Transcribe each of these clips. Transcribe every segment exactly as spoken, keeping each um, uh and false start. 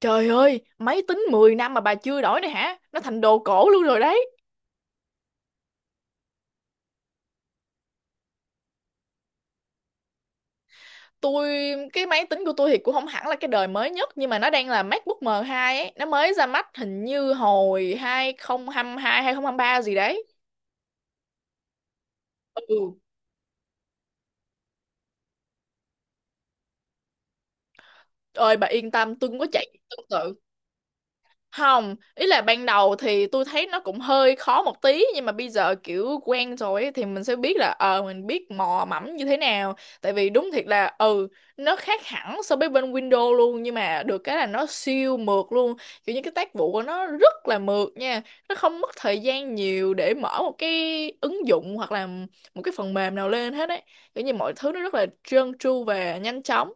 Trời ơi, máy tính mười năm mà bà chưa đổi này hả? Nó thành đồ cổ luôn rồi đấy. Tôi cái máy tính của tôi thì cũng không hẳn là cái đời mới nhất nhưng mà nó đang là MacBook em hai ấy, nó mới ra mắt hình như hồi hai không hai hai ba gì đấy. Ừ. Ơi bà yên tâm, tôi cũng có chạy tương tự. Không, ý là ban đầu thì tôi thấy nó cũng hơi khó một tí nhưng mà bây giờ kiểu quen rồi ấy, thì mình sẽ biết là ờ mình biết mò mẫm như thế nào. Tại vì đúng thiệt là ừ nó khác hẳn so với bên Windows luôn nhưng mà được cái là nó siêu mượt luôn. Kiểu như cái tác vụ của nó rất là mượt nha. Nó không mất thời gian nhiều để mở một cái ứng dụng hoặc là một cái phần mềm nào lên hết ấy. Kiểu như mọi thứ nó rất là trơn tru và nhanh chóng.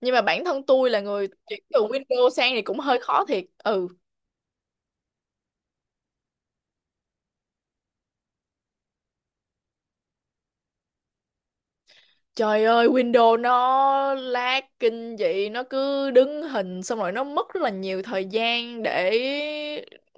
Nhưng mà bản thân tôi là người chuyển từ Windows sang thì cũng hơi khó thiệt. Ừ. Trời ơi, Windows nó lag kinh dị, nó cứ đứng hình xong rồi nó mất rất là nhiều thời gian để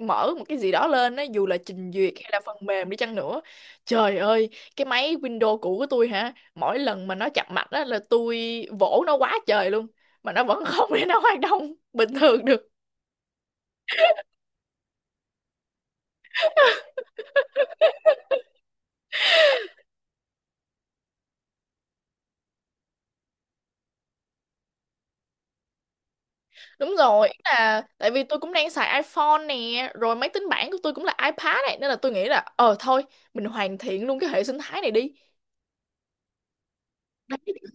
mở một cái gì đó lên á, dù là trình duyệt hay là phần mềm đi chăng nữa. Trời ơi, cái máy Windows cũ của tôi hả, mỗi lần mà nó chập mạch á là tôi vỗ nó quá trời luôn, mà nó vẫn không để nó hoạt động bình thường được. Đúng rồi, ý là tại vì tôi cũng đang xài iPhone nè, rồi máy tính bảng của tôi cũng là iPad này nên là tôi nghĩ là ờ thôi, mình hoàn thiện luôn cái hệ sinh thái này đi. Đấy.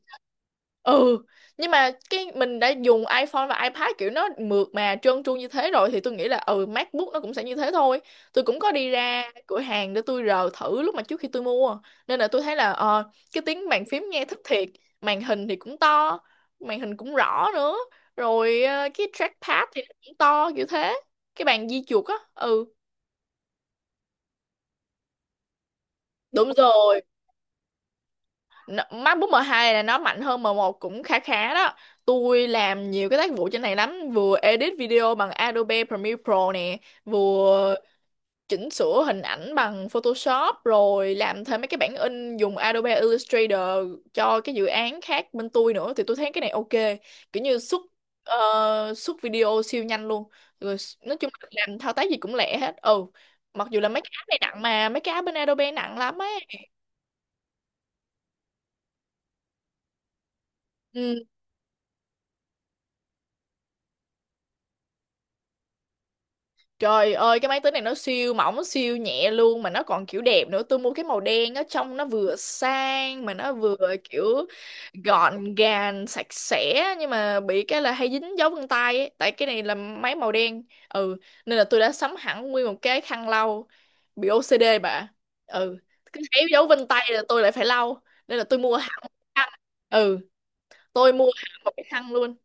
ừ nhưng mà cái mình đã dùng iPhone và iPad kiểu nó mượt mà trơn tru như thế rồi thì tôi nghĩ là ừ MacBook nó cũng sẽ như thế thôi. Tôi cũng có đi ra cửa hàng để tôi rờ thử lúc mà trước khi tôi mua, nên là tôi thấy là ờ, cái tiếng bàn phím nghe thích thiệt. Màn hình thì cũng to, màn hình cũng rõ nữa. Rồi ờ, cái trackpad thì nó cũng to kiểu thế, cái bàn di chuột á. ừ Đúng rồi. N- MacBook em hai là nó mạnh hơn em một cũng khá khá đó. Tôi làm nhiều cái tác vụ trên này lắm, vừa edit video bằng Adobe Premiere Pro nè, vừa chỉnh sửa hình ảnh bằng Photoshop, rồi làm thêm mấy cái bản in dùng Adobe Illustrator cho cái dự án khác bên tôi nữa, thì tôi thấy cái này ok. Kiểu như xuất ờ, xuất video siêu nhanh luôn. Rồi s- nói chung là làm thao tác gì cũng lẹ hết. Ừ. Mặc dù là mấy cái app này nặng, mà mấy cái app bên Adobe nặng lắm ấy. Ừ. Trời ơi, cái máy tính này nó siêu mỏng siêu nhẹ luôn, mà nó còn kiểu đẹp nữa. Tôi mua cái màu đen á, trông nó vừa sang mà nó vừa kiểu gọn gàng sạch sẽ, nhưng mà bị cái là hay dính dấu vân tay ấy. Tại cái này là máy màu đen. ừ Nên là tôi đã sắm hẳn nguyên một cái khăn lau, bị ô xê đê bà. ừ Cứ thấy dấu vân tay là tôi lại phải lau, nên là tôi mua hẳn một cái khăn. ừ tôi mua hẳn một cái khăn luôn.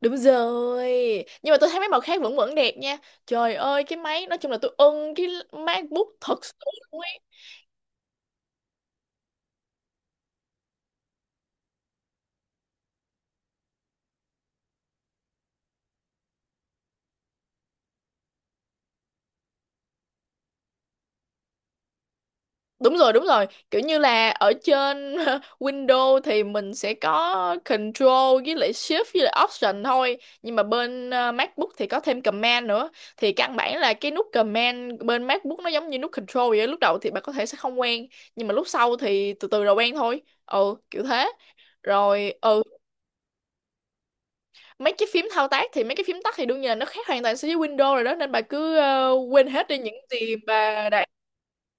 Đúng rồi. Nhưng mà tôi thấy mấy màu khác vẫn vẫn đẹp nha. Trời ơi cái máy. Nói chung là tôi ưng cái MacBook thật sự luôn ấy. Đúng rồi, đúng rồi. Kiểu như là ở trên Windows thì mình sẽ có Control với lại Shift với lại Option thôi. Nhưng mà bên ờ, MacBook thì có thêm Command nữa. Thì căn bản là cái nút Command bên MacBook nó giống như nút Control vậy á. Lúc đầu thì bạn có thể sẽ không quen, nhưng mà lúc sau thì từ từ rồi quen thôi. Ừ kiểu thế. Rồi ừ mấy cái phím thao tác thì mấy cái phím tắt thì đương nhiên là nó khác hoàn toàn so với Windows rồi đó, nên bà cứ ờ, quên hết đi những gì bà đã.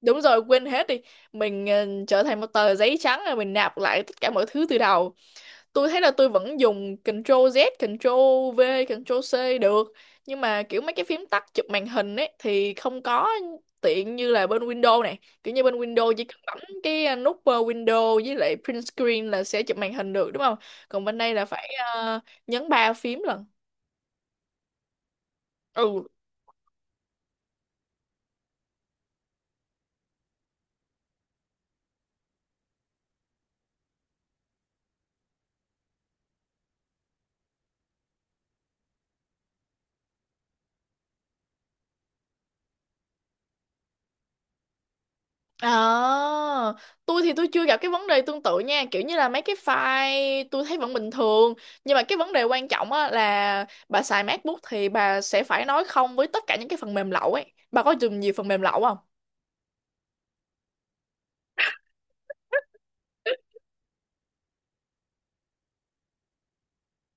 Đúng rồi, quên hết đi. Mình ờ, trở thành một tờ giấy trắng rồi mình nạp lại tất cả mọi thứ từ đầu. Tôi thấy là tôi vẫn dùng Ctrl Z, Ctrl V, Ctrl C được, nhưng mà kiểu mấy cái phím tắt chụp màn hình ấy thì không có tiện như là bên Windows này. Kiểu như bên Windows chỉ cần bấm cái ờ, nút ờ, Windows với lại print screen là sẽ chụp màn hình được, đúng không? Còn bên đây là phải ờ, nhấn ba phím lận. ừ À, tôi thì tôi chưa gặp cái vấn đề tương tự nha, kiểu như là mấy cái file tôi thấy vẫn bình thường. Nhưng mà cái vấn đề quan trọng á là bà xài MacBook thì bà sẽ phải nói không với tất cả những cái phần mềm lậu ấy. Bà có dùng nhiều phần mềm lậu không?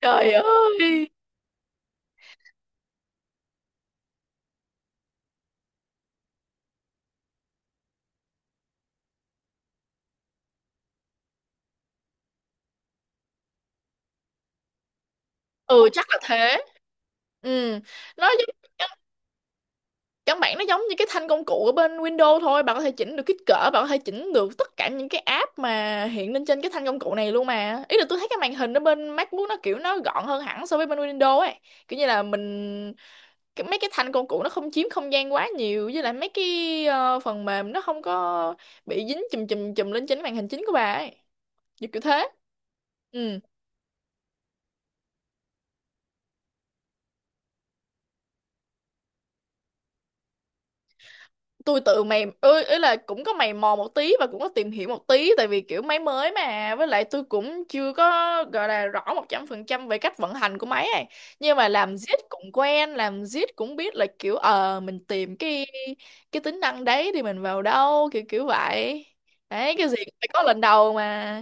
Trời ơi. ừ Chắc là thế. ừ nó giống, căn bản nó giống như cái thanh công cụ ở bên Windows thôi. Bạn có thể chỉnh được kích cỡ, bạn có thể chỉnh được tất cả những cái app mà hiện lên trên cái thanh công cụ này luôn mà. Ý là tôi thấy cái màn hình ở bên MacBook nó kiểu nó gọn hơn hẳn so với bên Windows ấy. Kiểu như là mình cái, mấy cái thanh công cụ nó không chiếm không gian quá nhiều, với lại mấy cái ờ, phần mềm nó không có bị dính chùm chùm chùm lên trên cái màn hình chính của bà ấy, kiểu kiểu thế. ừ tôi tự mày ơi, ý là cũng có mày mò một tí và cũng có tìm hiểu một tí, tại vì kiểu máy mới mà, với lại tôi cũng chưa có gọi là rõ một trăm phần trăm về cách vận hành của máy này. Nhưng mà làm zip cũng quen, làm zip cũng biết là kiểu ờ mình tìm cái cái tính năng đấy thì mình vào đâu, kiểu kiểu vậy. Đấy, cái gì cũng phải có lần đầu mà.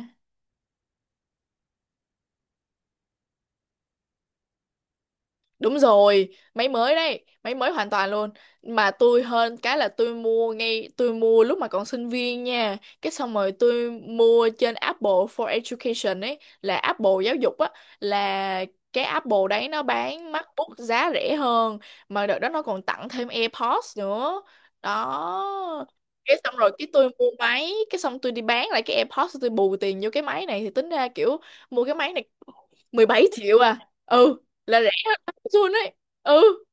Đúng rồi, máy mới đấy, máy mới hoàn toàn luôn. Mà tôi hơn cái là tôi mua ngay, tôi mua lúc mà còn sinh viên nha. Cái xong rồi tôi mua trên Apple for Education ấy, là Apple giáo dục á, là cái Apple đấy nó bán MacBook giá rẻ hơn. Mà đợt đó nó còn tặng thêm AirPods nữa. Đó. Cái xong rồi cái tôi mua máy, cái xong tôi đi bán lại cái AirPods, tôi bù tiền vô cái máy này thì tính ra kiểu mua cái máy này mười bảy triệu à. ừ là rẻ hơn Amazon ấy. ừ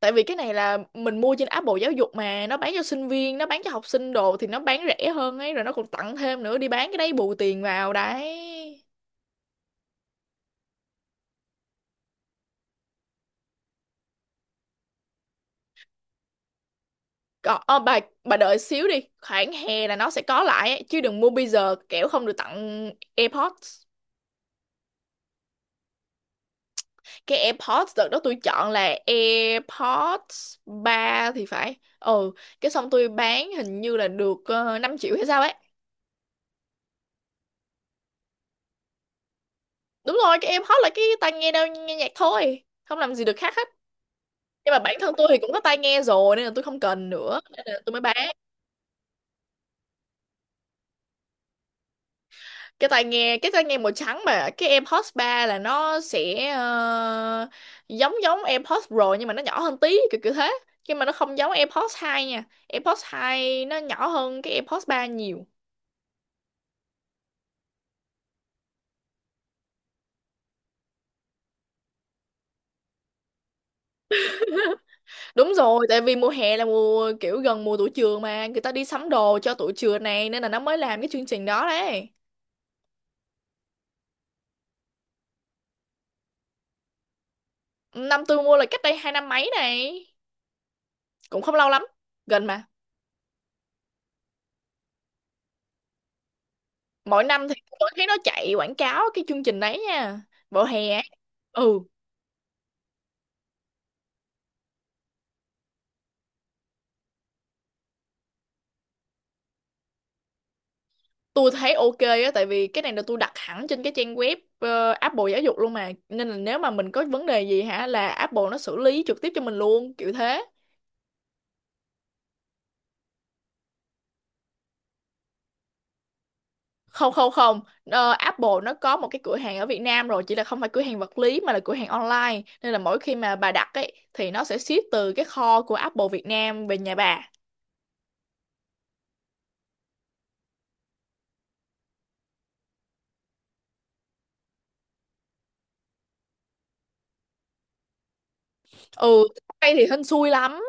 Tại vì cái này là mình mua trên app Bộ Giáo dục mà, nó bán cho sinh viên, nó bán cho học sinh đồ thì nó bán rẻ hơn ấy, rồi nó còn tặng thêm nữa, đi bán cái đấy bù tiền vào đấy. Còn ờ, bà bà đợi xíu đi, khoảng hè là nó sẽ có lại ấy, chứ đừng mua bây giờ kẻo không được tặng AirPods. Cái AirPods đợt đó tôi chọn là AirPods ba thì phải. ừ cái xong tôi bán hình như là được uh, 5 triệu hay sao ấy. Đúng rồi, các em hot là cái tai nghe đâu, nghe nhạc thôi, không làm gì được khác hết. Nhưng mà bản thân tôi thì cũng có tai nghe rồi nên là tôi không cần nữa nên là tôi mới bán. Cái tai nghe, cái tai nghe màu trắng mà. Cái AirPods ba là nó sẽ ờ, giống giống AirPods Pro nhưng mà nó nhỏ hơn tí, kiểu kiểu thế. Nhưng mà nó không giống AirPods hai nha, AirPods hai nó nhỏ hơn cái AirPods ba nhiều. Đúng rồi, tại vì mùa hè là mùa kiểu gần mùa tụi trường mà, người ta đi sắm đồ cho tụi trường này nên là nó mới làm cái chương trình đó đấy. Năm tôi mua là cách đây hai năm mấy này, cũng không lâu lắm, gần mà. Mỗi năm thì tôi thấy nó chạy quảng cáo cái chương trình đấy nha, vào hè ấy. ừ tôi thấy ok á, tại vì cái này là tôi đặt hẳn trên cái trang web ờ, Apple giáo dục luôn mà, nên là nếu mà mình có vấn đề gì hả là Apple nó xử lý trực tiếp cho mình luôn, kiểu thế. Không, không, không. Ờ, Apple nó có một cái cửa hàng ở Việt Nam rồi, chỉ là không phải cửa hàng vật lý mà là cửa hàng online, nên là mỗi khi mà bà đặt ấy thì nó sẽ ship từ cái kho của Apple Việt Nam về nhà bà. ừ Tay thì hên xui lắm.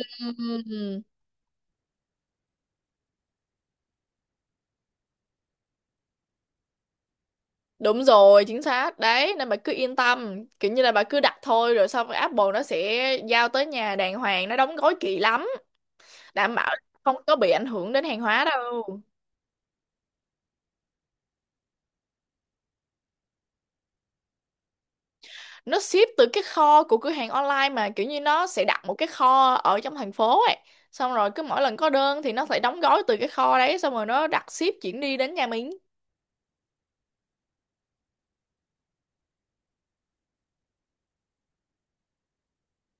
Ừm, đúng rồi chính xác đấy, nên bà cứ yên tâm, kiểu như là bà cứ đặt thôi rồi xong rồi Apple nó sẽ giao tới nhà đàng hoàng, nó đóng gói kỹ lắm, đảm bảo không có bị ảnh hưởng đến hàng hóa đâu. Nó ship từ cái kho của cửa hàng online mà, kiểu như nó sẽ đặt một cái kho ở trong thành phố ấy, xong rồi cứ mỗi lần có đơn thì nó phải đóng gói từ cái kho đấy xong rồi nó đặt ship chuyển đi đến nhà mình.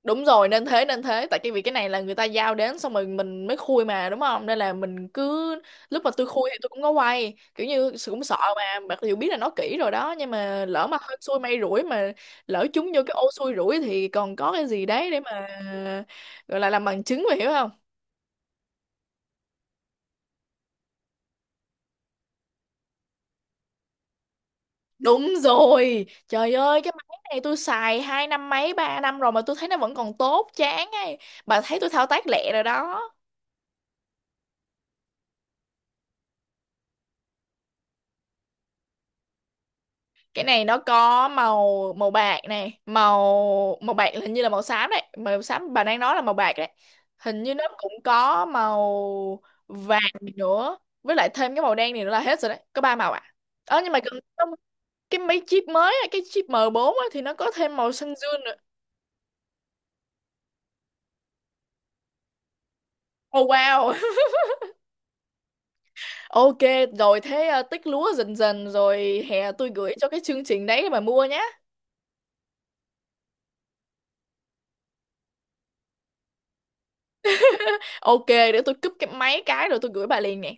Đúng rồi, nên thế nên thế. Tại cái vì cái này là người ta giao đến xong rồi mình mới khui mà, đúng không? Nên là mình cứ, lúc mà tôi khui thì tôi cũng có quay, kiểu như sự cũng sợ mà, mặc dù biết là nó kỹ rồi đó, nhưng mà lỡ mà hên xui may rủi mà, lỡ trúng vô cái ô xui rủi thì còn có cái gì đấy để mà gọi là làm bằng chứng mà, hiểu không? Đúng rồi, trời ơi cái máy này tôi xài hai năm mấy ba năm rồi mà tôi thấy nó vẫn còn tốt chán ấy. Bà thấy tôi thao tác lẹ rồi đó. Cái này nó có màu màu bạc này, màu màu bạc hình như là màu xám đấy, màu xám bà đang nói là màu bạc đấy. Hình như nó cũng có màu vàng nữa, với lại thêm cái màu đen này nữa là hết rồi đấy, có ba màu ạ. Ờ nhưng mà cần cái mấy chip mới á, cái chip em bốn á, thì nó có thêm màu xanh dương nữa. Oh wow. Ok rồi, thế ờ, tích lúa dần dần rồi hè tôi gửi cho cái chương trình đấy để bà mua nhá. Ok, để tôi cúp cái máy cái rồi tôi gửi bà liền nè.